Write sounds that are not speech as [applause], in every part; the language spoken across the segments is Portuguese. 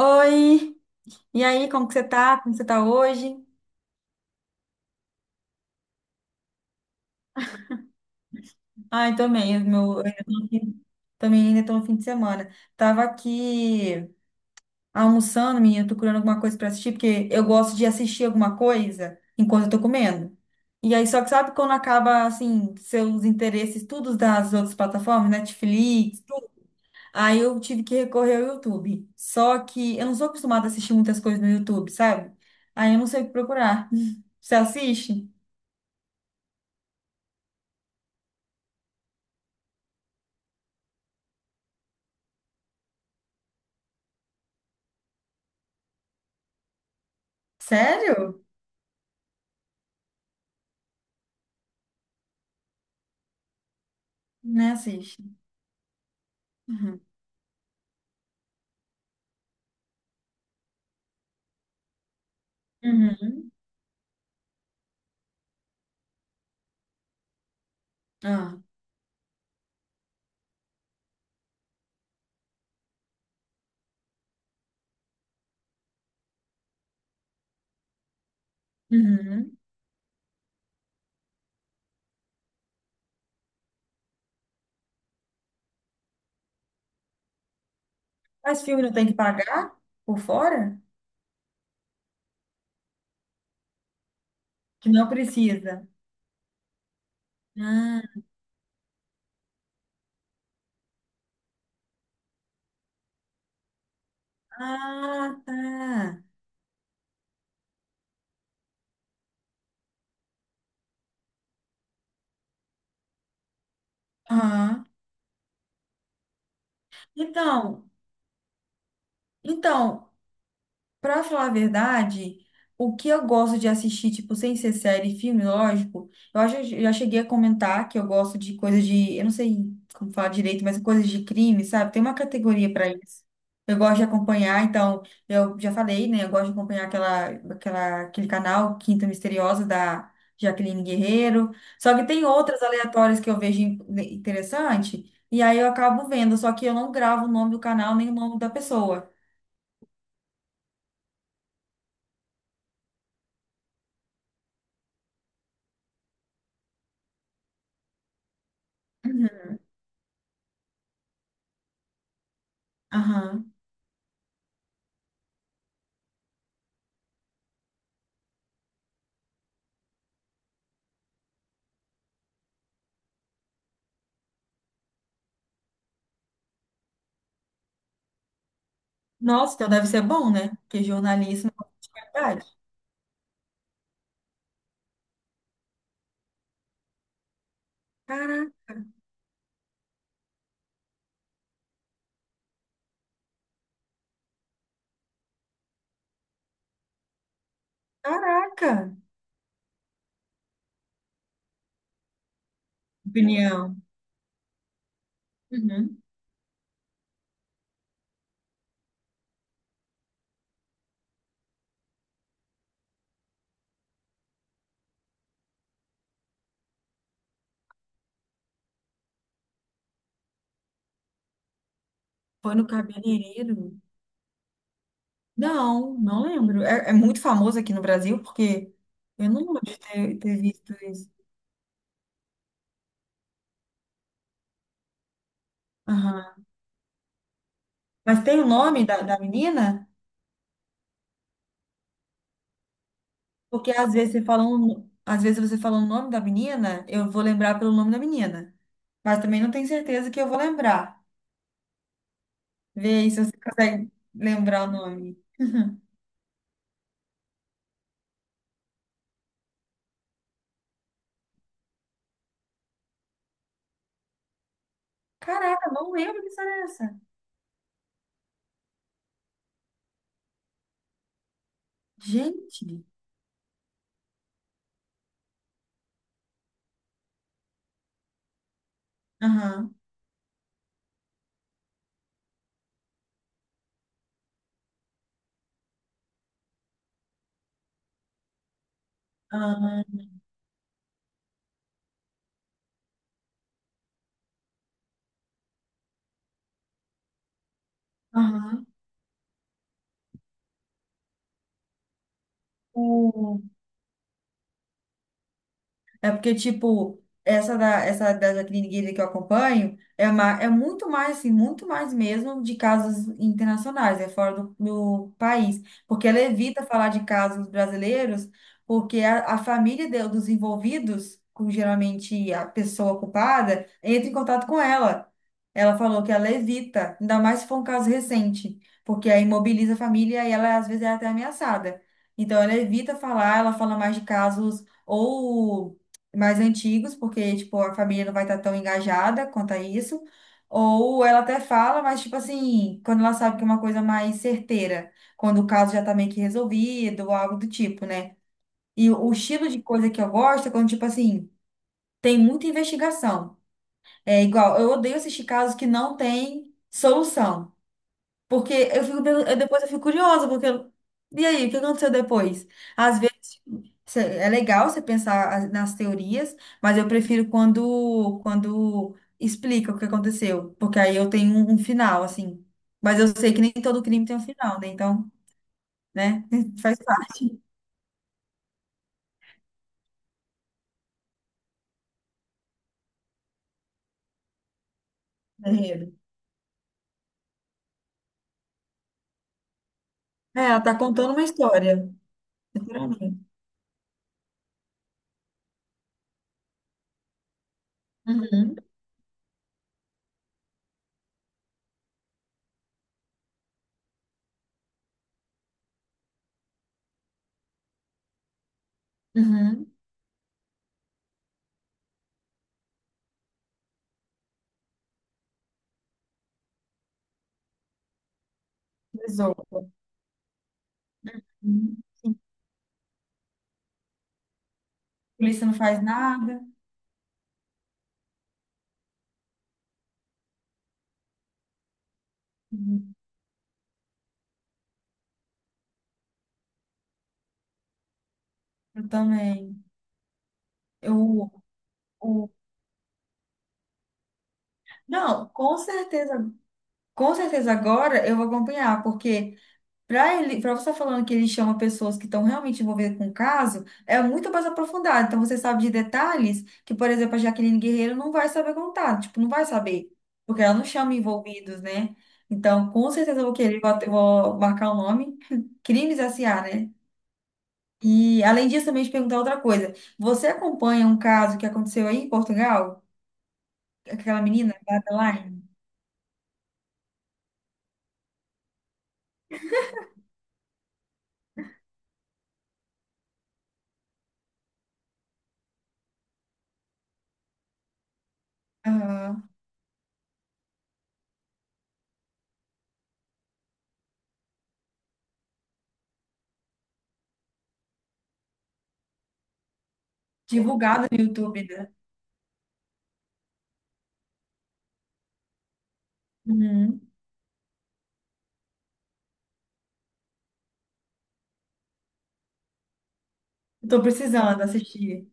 Oi, e aí, como que você tá? Como você tá hoje? Ai, também, meu, eu ainda tô no fim- também ainda tô no fim de semana. Tava aqui almoçando, menina, tô procurando alguma coisa pra assistir, porque eu gosto de assistir alguma coisa enquanto eu tô comendo. E aí, só que sabe quando acaba, assim, seus interesses, todos das outras plataformas, Netflix, tudo? Aí eu tive que recorrer ao YouTube. Só que eu não sou acostumada a assistir muitas coisas no YouTube, sabe? Aí eu não sei o que procurar. [laughs] Você assiste? Sério? Né, assiste. Uhum. Uhum. Ah. Uhum. Mas filme não tem que pagar por fora? Que não precisa. Ah, ah, tá. Aham. Então, então, Pra falar a verdade, o que eu gosto de assistir, tipo, sem ser série e filme, lógico, eu acho, eu já cheguei a comentar que eu gosto de coisas de, eu não sei como falar direito, mas coisas de crime, sabe? Tem uma categoria pra isso. Eu gosto de acompanhar, então, eu já falei, né? Eu gosto de acompanhar aquele canal Quinta Misteriosa da Jaqueline Guerreiro. Só que tem outras aleatórias que eu vejo né, interessante, e aí eu acabo vendo, só que eu não gravo o nome do canal nem o nome da pessoa. Uhum. Aham. Nossa, então deve ser bom, né? Porque jornalismo é verdade. Cara- Caraca! Opinião. Uhum. Foi no cabeleireiro? Não, não lembro. É, é muito famoso aqui no Brasil, porque eu não lembro de ter visto isso. Aham. Mas tem o nome da, da menina? Porque às vezes às vezes você fala o nome da menina, eu vou lembrar pelo nome da menina. Mas também não tenho certeza que eu vou lembrar. Vê aí se você consegue lembrar o nome. [laughs] Caraca, não lembro que história é essa. Gente. Aham. Ah, aham. O- É porque, tipo, essa da Jacqueline Guilherme que eu acompanho é, uma, é muito mais, assim, muito mais mesmo de casos internacionais, é fora do, do país. Porque ela evita falar de casos brasileiros, porque a família dos envolvidos, com geralmente a pessoa culpada, entra em contato com ela. Ela falou que ela evita, ainda mais se for um caso recente, porque aí mobiliza a família e ela, às vezes, é até ameaçada. Então, ela evita falar, ela fala mais de casos ou mais antigos, porque, tipo, a família não vai estar tão engajada quanto a isso. Ou ela até fala, mas, tipo assim, quando ela sabe que é uma coisa mais certeira, quando o caso já tá meio que resolvido, ou algo do tipo, né? E o estilo de coisa que eu gosto é quando, tipo assim, tem muita investigação. É igual, eu odeio assistir casos que não tem solução. Porque eu fico, depois eu fico curiosa, e aí, o que aconteceu depois? Às vezes é legal você pensar nas teorias, mas eu prefiro quando explica o que aconteceu, porque aí eu tenho um, um final, assim. Mas eu sei que nem todo crime tem um final, né? Então, né? [laughs] Faz parte do enredo. É, ela tá contando uma história. Uhum, uhum. Resolva. Uhum. Sim. A polícia não faz nada. Uhum. Eu também. Eu, o Não, com certeza agora eu vou acompanhar, porque para ele, para você estar falando que ele chama pessoas que estão realmente envolvidas com o caso, é muito mais aprofundado. Então você sabe de detalhes que, por exemplo, a Jaqueline Guerreiro não vai saber contar, tipo, não vai saber, porque ela não chama envolvidos, né? Então, com certeza eu vou querer, vou, vou marcar o nome, [laughs] Crimes S.A., né? E além disso, também te perguntar outra coisa. Você acompanha um caso que aconteceu aí em Portugal? Aquela menina, a Adeline? Aham. Divulgado no YouTube, né? Uhum. Eu tô precisando assistir.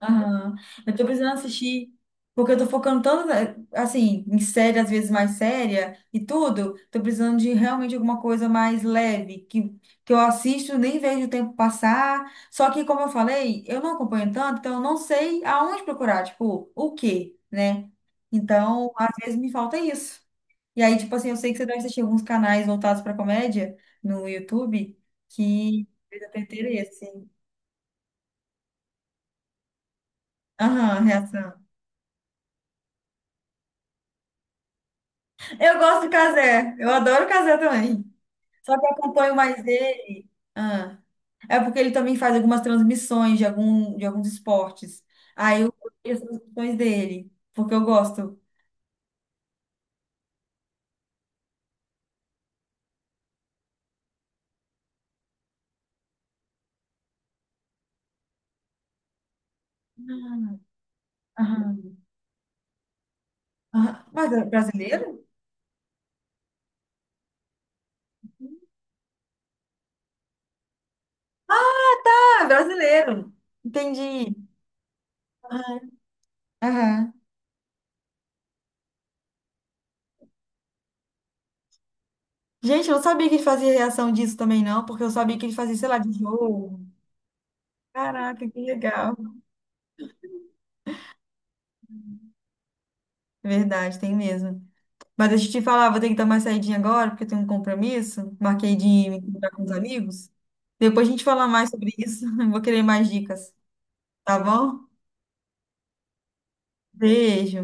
Aham. Eu tô precisando assistir, porque eu tô focando tanto, assim, em série, às vezes mais séria e tudo. Tô precisando de realmente alguma coisa mais leve, que eu assisto, nem vejo o tempo passar. Só que, como eu falei, eu não acompanho tanto, então eu não sei aonde procurar, tipo, o quê, né? Então, às vezes me falta isso. E aí, tipo assim, eu sei que você deve assistir alguns canais voltados pra comédia no YouTube que eu tenho interesse, assim. Aham, reação. Eu gosto do Cazé, eu adoro o Cazé também. Só que eu acompanho mais ele. Ah, é porque ele também faz algumas transmissões de, algum, de alguns esportes. Aí eu vejo as transmissões dele, porque eu gosto. Ah, aham, aham. Mas é brasileiro? Ah, é brasileiro. Entendi. Aham. Aham. Gente, eu não sabia que ele fazia reação disso também, não, porque eu sabia que ele fazia, sei lá, de jogo. Caraca, que legal. É verdade, tem mesmo. Mas deixa eu te falar, vou ter que dar uma saidinha agora, porque eu tenho um compromisso. Marquei de me encontrar com os amigos. Depois a gente fala mais sobre isso. [laughs] Vou querer mais dicas, tá bom? Beijo.